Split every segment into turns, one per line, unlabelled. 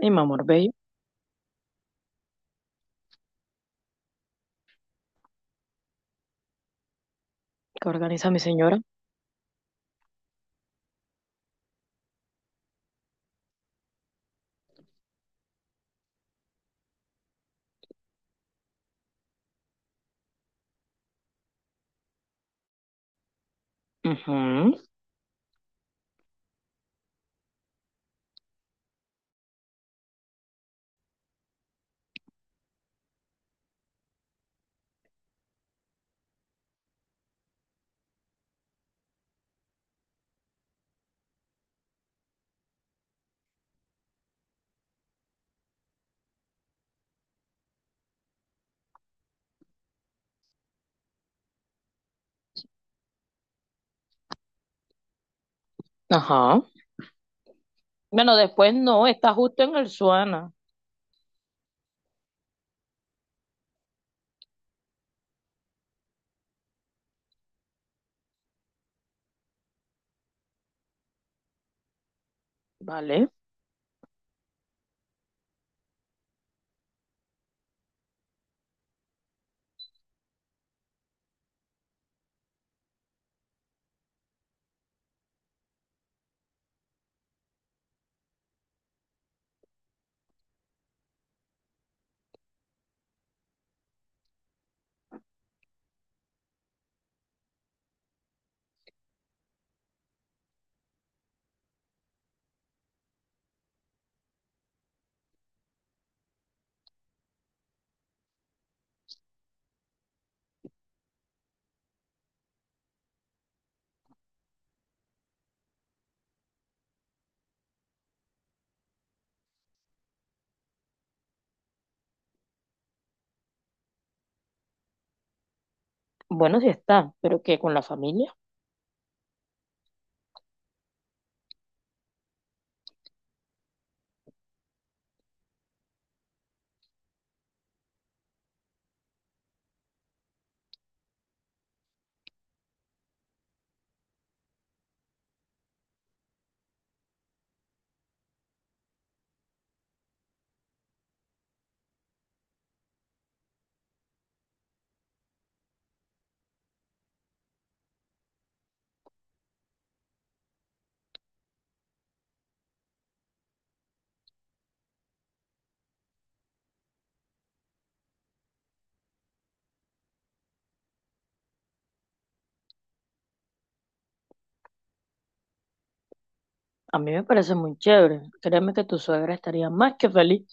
Y mi amor bello, que organiza mi señora. Ujú. Ajá. Bueno, después no, está justo en el Suana. Vale. Bueno, sí está, pero que con la familia. A mí me parece muy chévere. Créeme que tu suegra estaría más que feliz,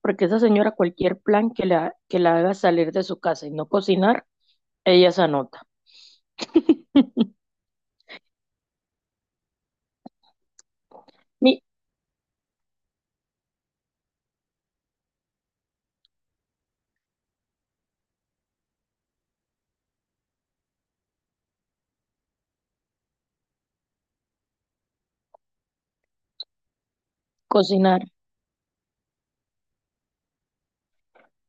porque esa señora cualquier plan que la haga salir de su casa y no cocinar, ella se anota. Mi cocinar.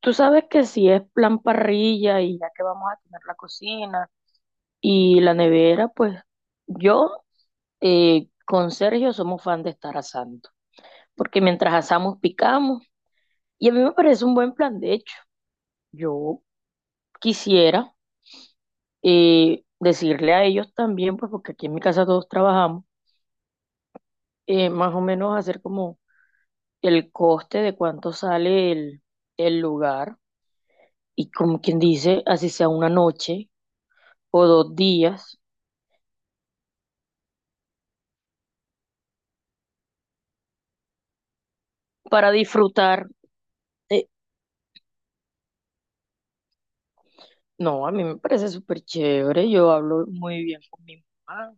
Tú sabes que si es plan parrilla y ya que vamos a tener la cocina y la nevera, pues yo, con Sergio somos fan de estar asando, porque mientras asamos picamos. Y a mí me parece un buen plan, de hecho. Yo quisiera, decirle a ellos también, pues porque aquí en mi casa todos trabajamos, más o menos hacer como el coste de cuánto sale el lugar y como quien dice, así sea una noche o 2 días para disfrutar. de- No, a mí me parece súper chévere, yo hablo muy bien con mi mamá,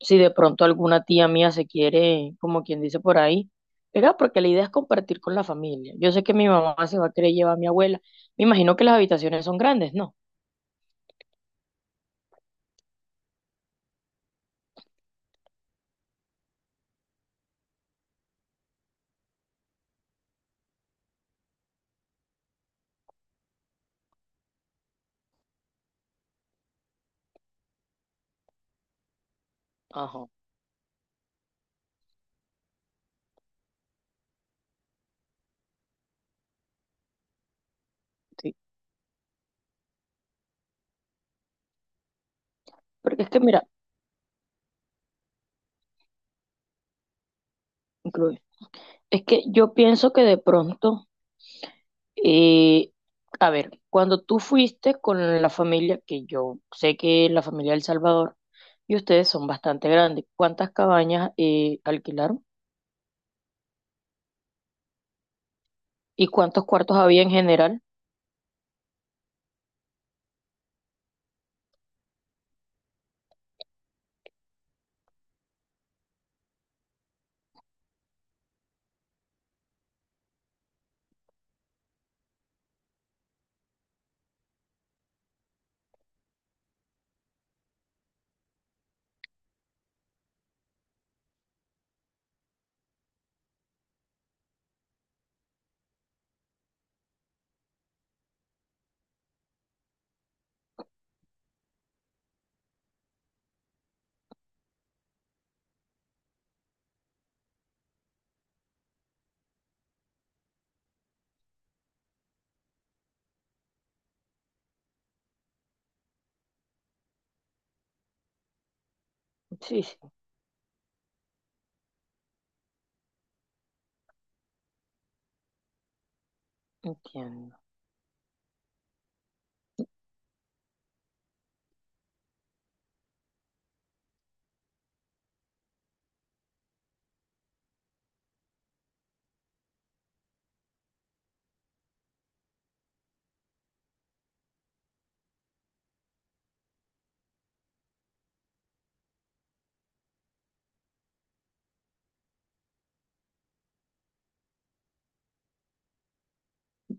si de pronto alguna tía mía se quiere, como quien dice, por ahí pegar, porque la idea es compartir con la familia. Yo sé que mi mamá se va a querer llevar a mi abuela. Me imagino que las habitaciones son grandes, ¿no? Ajá, sí. Porque es que, mira, incluye. Es que yo pienso que de pronto, eh, a ver, cuando tú fuiste con la familia, que yo sé que es la familia del Salvador, y ustedes son bastante grandes, ¿cuántas cabañas alquilaron? ¿Y cuántos cuartos había en general? Sí, sí, entiendo.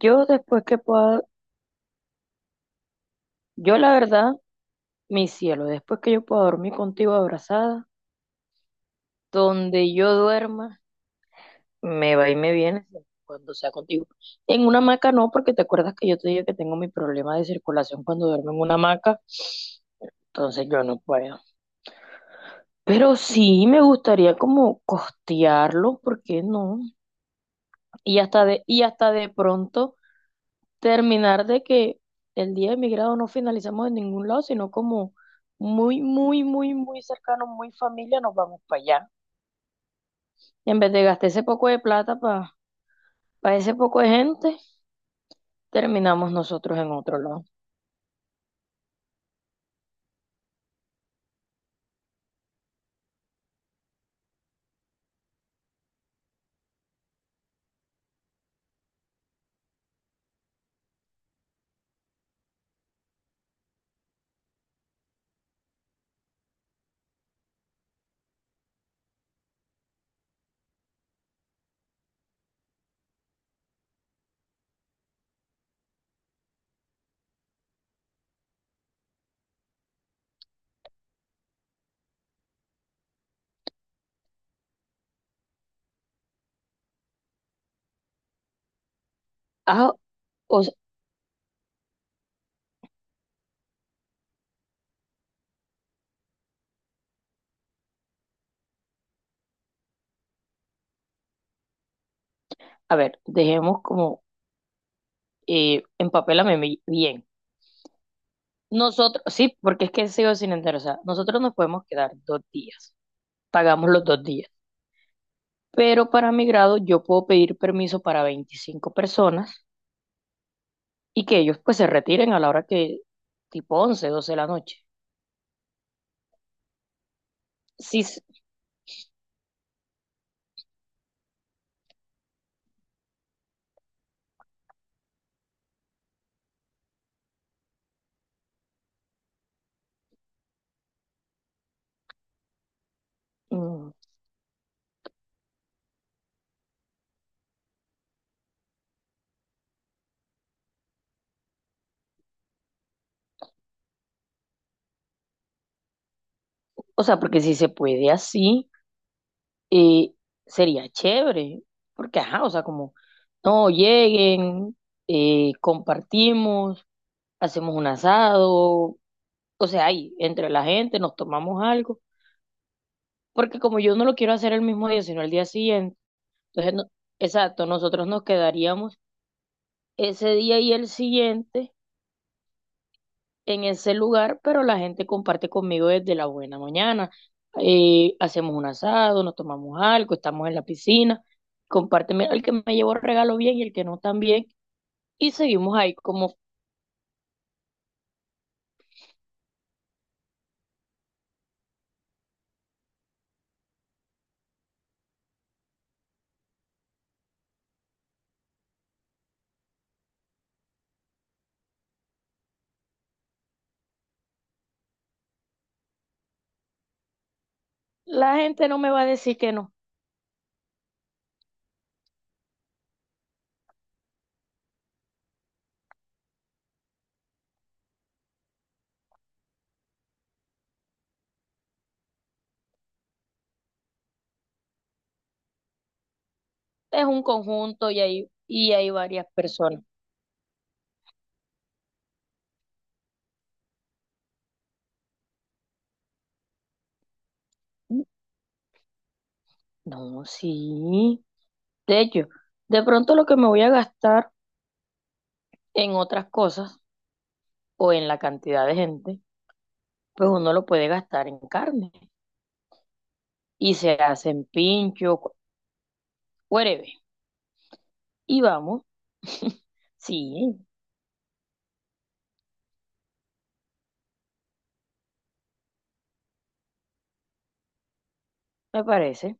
Yo después que pueda, yo la verdad, mi cielo, después que yo pueda dormir contigo abrazada, donde yo duerma, me va y me viene siempre y cuando sea contigo. En una hamaca no, porque te acuerdas que yo te dije que tengo mi problema de circulación cuando duermo en una hamaca, entonces yo no puedo. Pero sí me gustaría como costearlo, ¿por qué no? Y hasta de pronto terminar de que el día de mi grado no finalizamos en ningún lado, sino como muy, muy, muy, muy cercano, muy familia, nos vamos para allá. En vez de gastar ese poco de plata para ese poco de gente, terminamos nosotros en otro lado. Ah, o sea, a ver, dejemos como, empapélame bien. Nosotros, sí, porque es que sigo sin entender, o sea, nosotros nos podemos quedar 2 días, pagamos los 2 días, pero para mi grado yo puedo pedir permiso para 25 personas y que ellos pues se retiren a la hora que, tipo 11, 12 de la noche. Sí, s- mm. O sea, porque si se puede así, eh, sería chévere, porque ajá, o sea, como, no, lleguen, compartimos, hacemos un asado, o sea, ahí, entre la gente, nos tomamos algo, porque como yo no lo quiero hacer el mismo día, sino el día siguiente. Entonces, exacto, nosotros nos quedaríamos ese día y el siguiente en ese lugar, pero la gente comparte conmigo desde la buena mañana. Hacemos un asado, nos tomamos algo, estamos en la piscina, compárteme el que me llevó regalo bien y el que no también, y seguimos ahí, como la gente no me va a decir que no. Es un conjunto y hay varias personas. No, sí, de hecho, de pronto lo que me voy a gastar en otras cosas o en la cantidad de gente, pues uno lo puede gastar en carne y se hacen pinchos. Whatever. Y vamos. Sí, me parece.